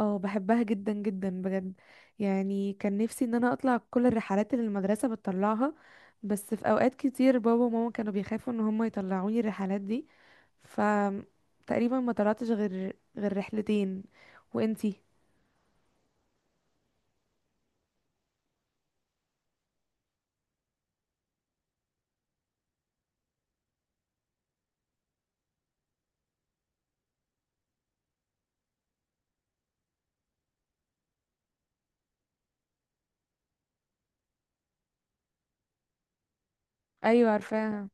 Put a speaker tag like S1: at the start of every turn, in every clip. S1: اه، بحبها جدا جدا بجد. يعني كان نفسي ان انا اطلع كل الرحلات اللي المدرسة بتطلعها. بس في اوقات كتير بابا وماما كانوا بيخافوا ان هم يطلعوني الرحلات دي. ف تقريبا ما طلعتش غير رحلتين. وانتي؟ ايوه، عارفاها.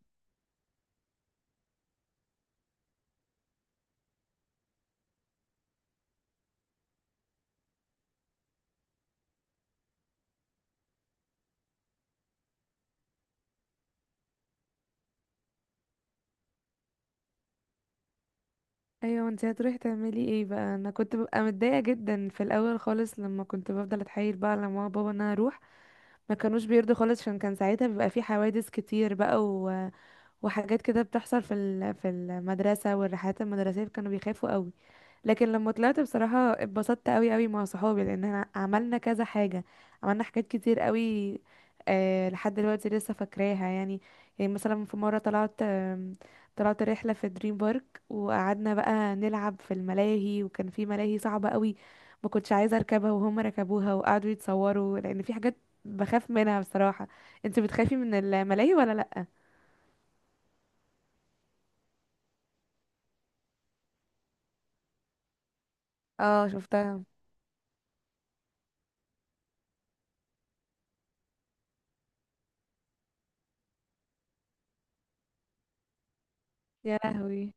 S1: ايوه، انتي هتروحي تعملي ايه بقى؟ انا كنت ببقى متضايقه جدا في الاول خالص لما كنت بفضل اتحايل بقى على ماما وبابا ان انا اروح. ما كانوش بيرضوا خالص عشان كان ساعتها بيبقى في حوادث كتير بقى، وحاجات كده بتحصل في المدرسة، والرحلات المدرسية كانوا بيخافوا قوي. لكن لما طلعت بصراحة اتبسطت قوي قوي مع صحابي لان احنا عملنا كذا حاجة، عملنا حاجات كتير قوي. آه، لحد دلوقتي لسه فاكراها يعني. يعني مثلا في مرة طلعت رحلة في دريم بارك، وقعدنا بقى نلعب في الملاهي، وكان في ملاهي صعبة قوي ما كنتش عايزة اركبها، وهم ركبوها وقعدوا يتصوروا لان في حاجات بخاف منها بصراحة. انت بتخافي من الملاهي ولا لا؟ اه، شفتها. يا لهوي.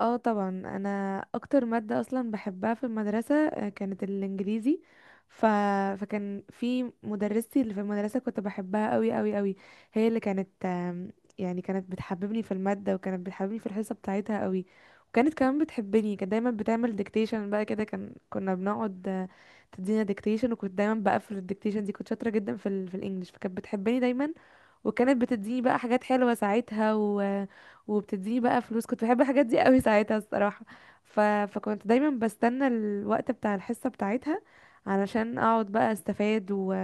S1: اه طبعا، انا اكتر ماده اصلا بحبها في المدرسه كانت الانجليزي. ف... فكان في مدرستي اللي في المدرسه كنت بحبها قوي قوي قوي، هي اللي كانت يعني كانت بتحببني في الماده، وكانت بتحببني في الحصه بتاعتها قوي. وكانت كمان بتحبني، كانت دايما بتعمل ديكتيشن بقى كده، كنا بنقعد، تدينا ديكتيشن. وكنت دايما بقفل الديكتيشن دي، كنت شاطره جدا في الانجليش. فكانت بتحبني دايما، وكانت بتديني بقى حاجات حلوة ساعتها وبتديني بقى فلوس. كنت بحب الحاجات دي قوي ساعتها الصراحة. فكنت دايما بستنى الوقت بتاع الحصة بتاعتها علشان اقعد بقى استفاد،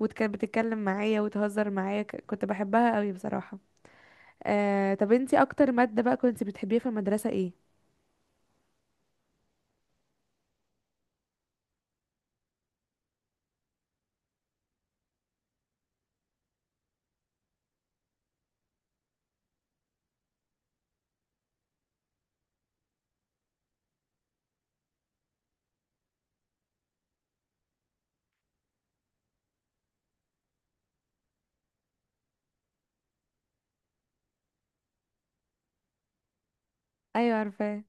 S1: وكانت بتتكلم معايا وتهزر معايا، كنت بحبها قوي بصراحة. طب انتي اكتر مادة بقى كنت بتحبيها في المدرسة ايه؟ ايوه، عارفاه.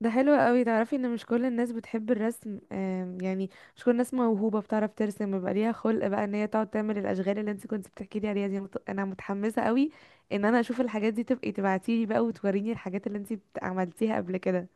S1: ده حلو قوي. تعرفي ان مش كل الناس بتحب الرسم، يعني مش كل الناس موهوبة بتعرف ترسم، بيبقى ليها خلق بقى ان هي تقعد تعمل الاشغال اللي انت كنت بتحكي لي عليها دي. انا متحمسة قوي ان انا اشوف الحاجات دي. تبقي تبعتيلي بقى وتوريني الحاجات اللي انت عملتيها قبل كده.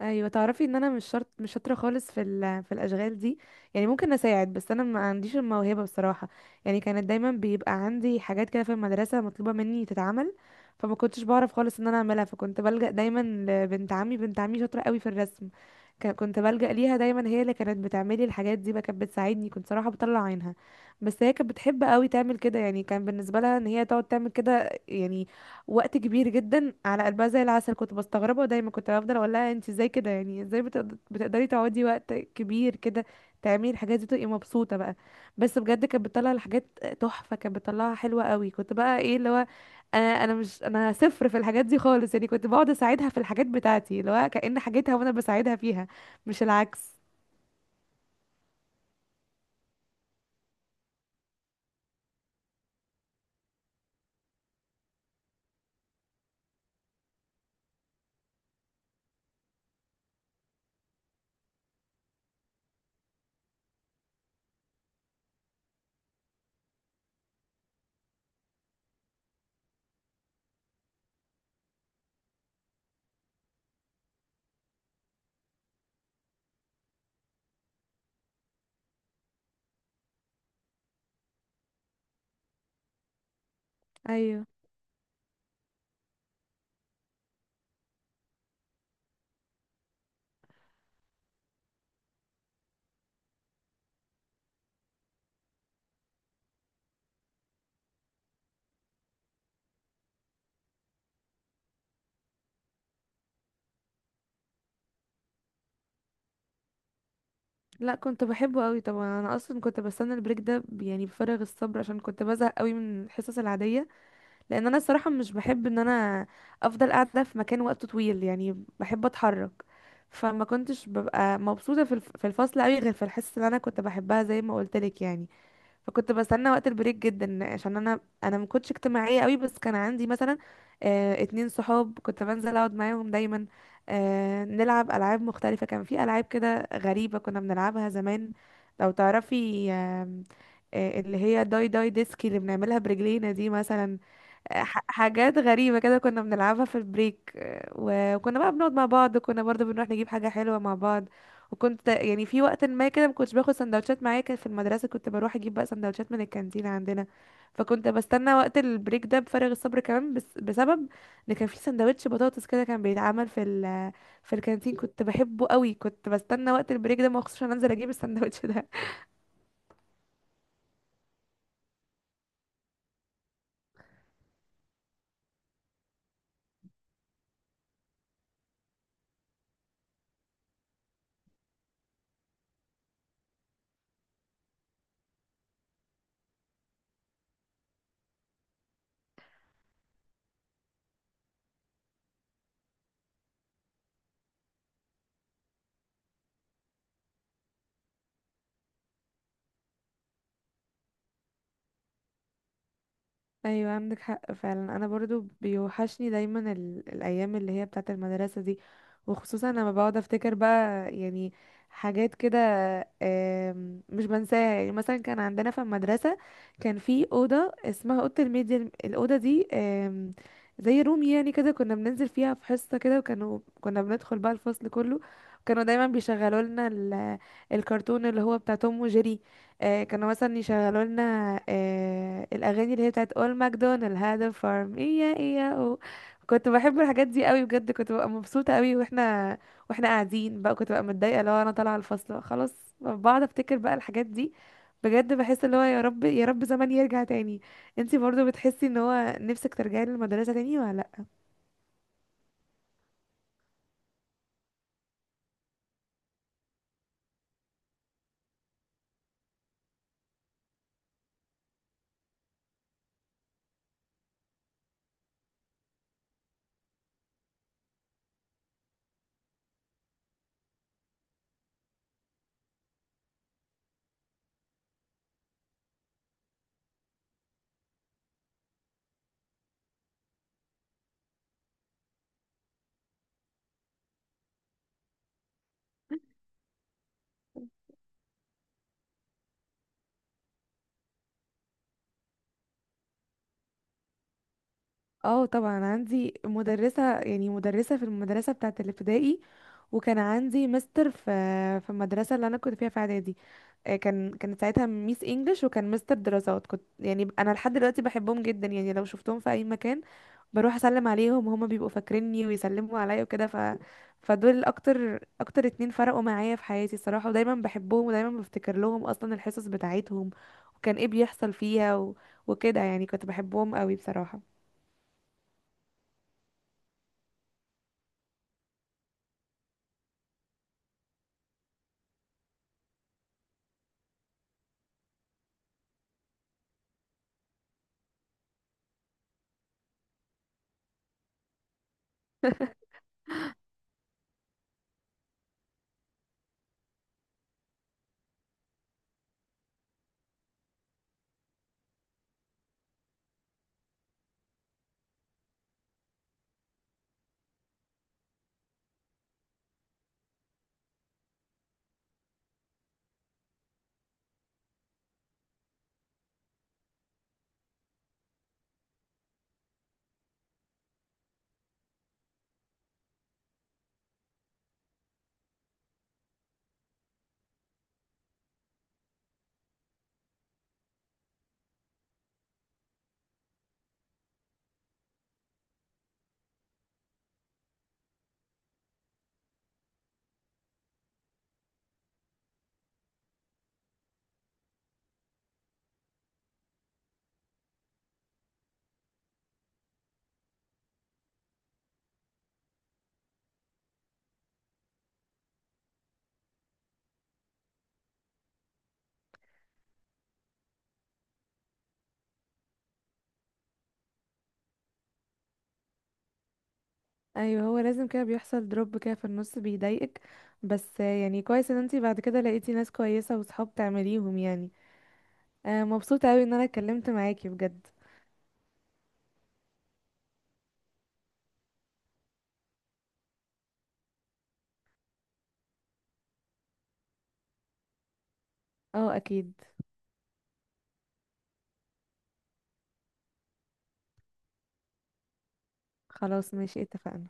S1: ايوه، تعرفي ان انا مش شرط مش شاطره خالص في الاشغال دي. يعني ممكن اساعد بس انا ما عنديش الموهبه بصراحه. يعني كانت دايما بيبقى عندي حاجات كده في المدرسه مطلوبه مني تتعمل، فما كنتش بعرف خالص ان انا اعملها، فكنت بلجأ دايما لبنت عمي. بنت عمي شاطره قوي في الرسم، كنت بلجأ ليها دايما. هي اللي كانت بتعملي الحاجات دي بقى، كانت بتساعدني، كنت صراحه بطلع عينها. بس هي كانت بتحب قوي تعمل كده، يعني كان بالنسبه لها ان هي تقعد تعمل كده يعني وقت كبير جدا على قلبها زي العسل. كنت بستغربها، ودايما كنت بفضل اقول لها انت ازاي كده، يعني ازاي بتقدري تقعدي وقت كبير كده تعملي الحاجات دي تبقي مبسوطه بقى؟ بس بجد كانت بتطلع الحاجات تحفه، كانت بتطلعها حلوه قوي. كنت بقى ايه اللي هو، انا انا مش انا صفر في الحاجات دي خالص يعني. كنت بقعد اساعدها في الحاجات بتاعتي اللي هو كأن حاجتها وانا بساعدها فيها مش العكس. ايوه. لا، كنت بحبه قوي طبعا. انا اصلا كنت بستنى البريك ده، يعني بفارغ الصبر عشان كنت بزهق قوي من الحصص العاديه. لان انا الصراحه مش بحب ان انا افضل قاعده في مكان وقت طويل، يعني بحب اتحرك. فما كنتش ببقى مبسوطه في الفصل قوي غير في الحصه اللي انا كنت بحبها زي ما قلت لك يعني. فكنت بستنى وقت البريك جدا عشان انا ما كنتش اجتماعيه قوي. بس كان عندي مثلا اتنين صحاب كنت بنزل اقعد معاهم دايما، نلعب العاب مختلفه. كان في العاب كده غريبه كنا بنلعبها زمان لو تعرفي، آم، آه، اللي هي داي داي ديسكي اللي بنعملها برجلينا دي مثلا. حاجات غريبة كده كنا بنلعبها في البريك. وكنا بقى بنقعد مع بعض، كنا برضه بنروح نجيب حاجة حلوة مع بعض. وكنت يعني في وقت ما كده ما كنتش باخد سندوتشات معايا، كان في المدرسة كنت بروح اجيب بقى سندوتشات من الكانتين عندنا. فكنت بستنى وقت البريك ده بفارغ الصبر كمان، بس بسبب ان كان في سندوتش بطاطس كده كان بيتعمل في الكانتين كنت بحبه قوي، كنت بستنى وقت البريك ده مخصوص عشان انزل اجيب السندوتش ده. ايوه، عندك حق فعلا. انا برضو بيوحشني دايما الايام اللي هي بتاعه المدرسه دي. وخصوصا لما بقعد افتكر بقى يعني حاجات كده، مش بنساها. يعني مثلا كان عندنا في المدرسه كان في اوضه اسمها اوضه الميديا، الاوضه دي زي روم يعني كده، كنا بننزل فيها في حصه كده، كنا بندخل بقى الفصل كله. كانوا دايما بيشغلوا لنا الكرتون اللي هو بتاع توم وجيري. كانوا مثلا يشغلوا لنا الاغاني اللي هي بتاعت اول ماكدونالد، هذا فارم ايا ايا أو. كنت بحب الحاجات دي قوي بجد، كنت ببقى مبسوطه قوي واحنا قاعدين بقى. كنت ببقى متضايقه لو انا طالعه الفصل خلاص، بقعد افتكر بقى الحاجات دي. بجد بحس اللي هو يا رب يا رب زمان يرجع تاني. انتي برضو بتحسي ان هو نفسك ترجعي للمدرسه تاني ولا لا؟ اه طبعا. عندي مدرسه، يعني مدرسه في المدرسه بتاعت الابتدائي، وكان عندي مستر في المدرسه اللي انا كنت فيها في اعدادي. كانت ساعتها ميس انجلش، وكان مستر دراسات. كنت يعني انا لحد دلوقتي بحبهم جدا، يعني لو شفتهم في اي مكان بروح اسلم عليهم، هما بيبقوا فاكريني ويسلموا عليا وكده. فدول اكتر اكتر اتنين فرقوا معايا في حياتي الصراحة، ودايما بحبهم ودايما بفتكر لهم اصلا الحصص بتاعتهم وكان ايه بيحصل فيها وكده يعني كنت بحبهم قوي بصراحة. ايوه، هو لازم كده بيحصل دروب كده في النص بيضايقك. بس يعني كويس ان انتي بعد كده لقيتي ناس كويسة وصحاب تعمليهم يعني. مبسوطة اوي ان انا اتكلمت معاكي بجد. اه اكيد. خلاص ماشي، اتفقنا.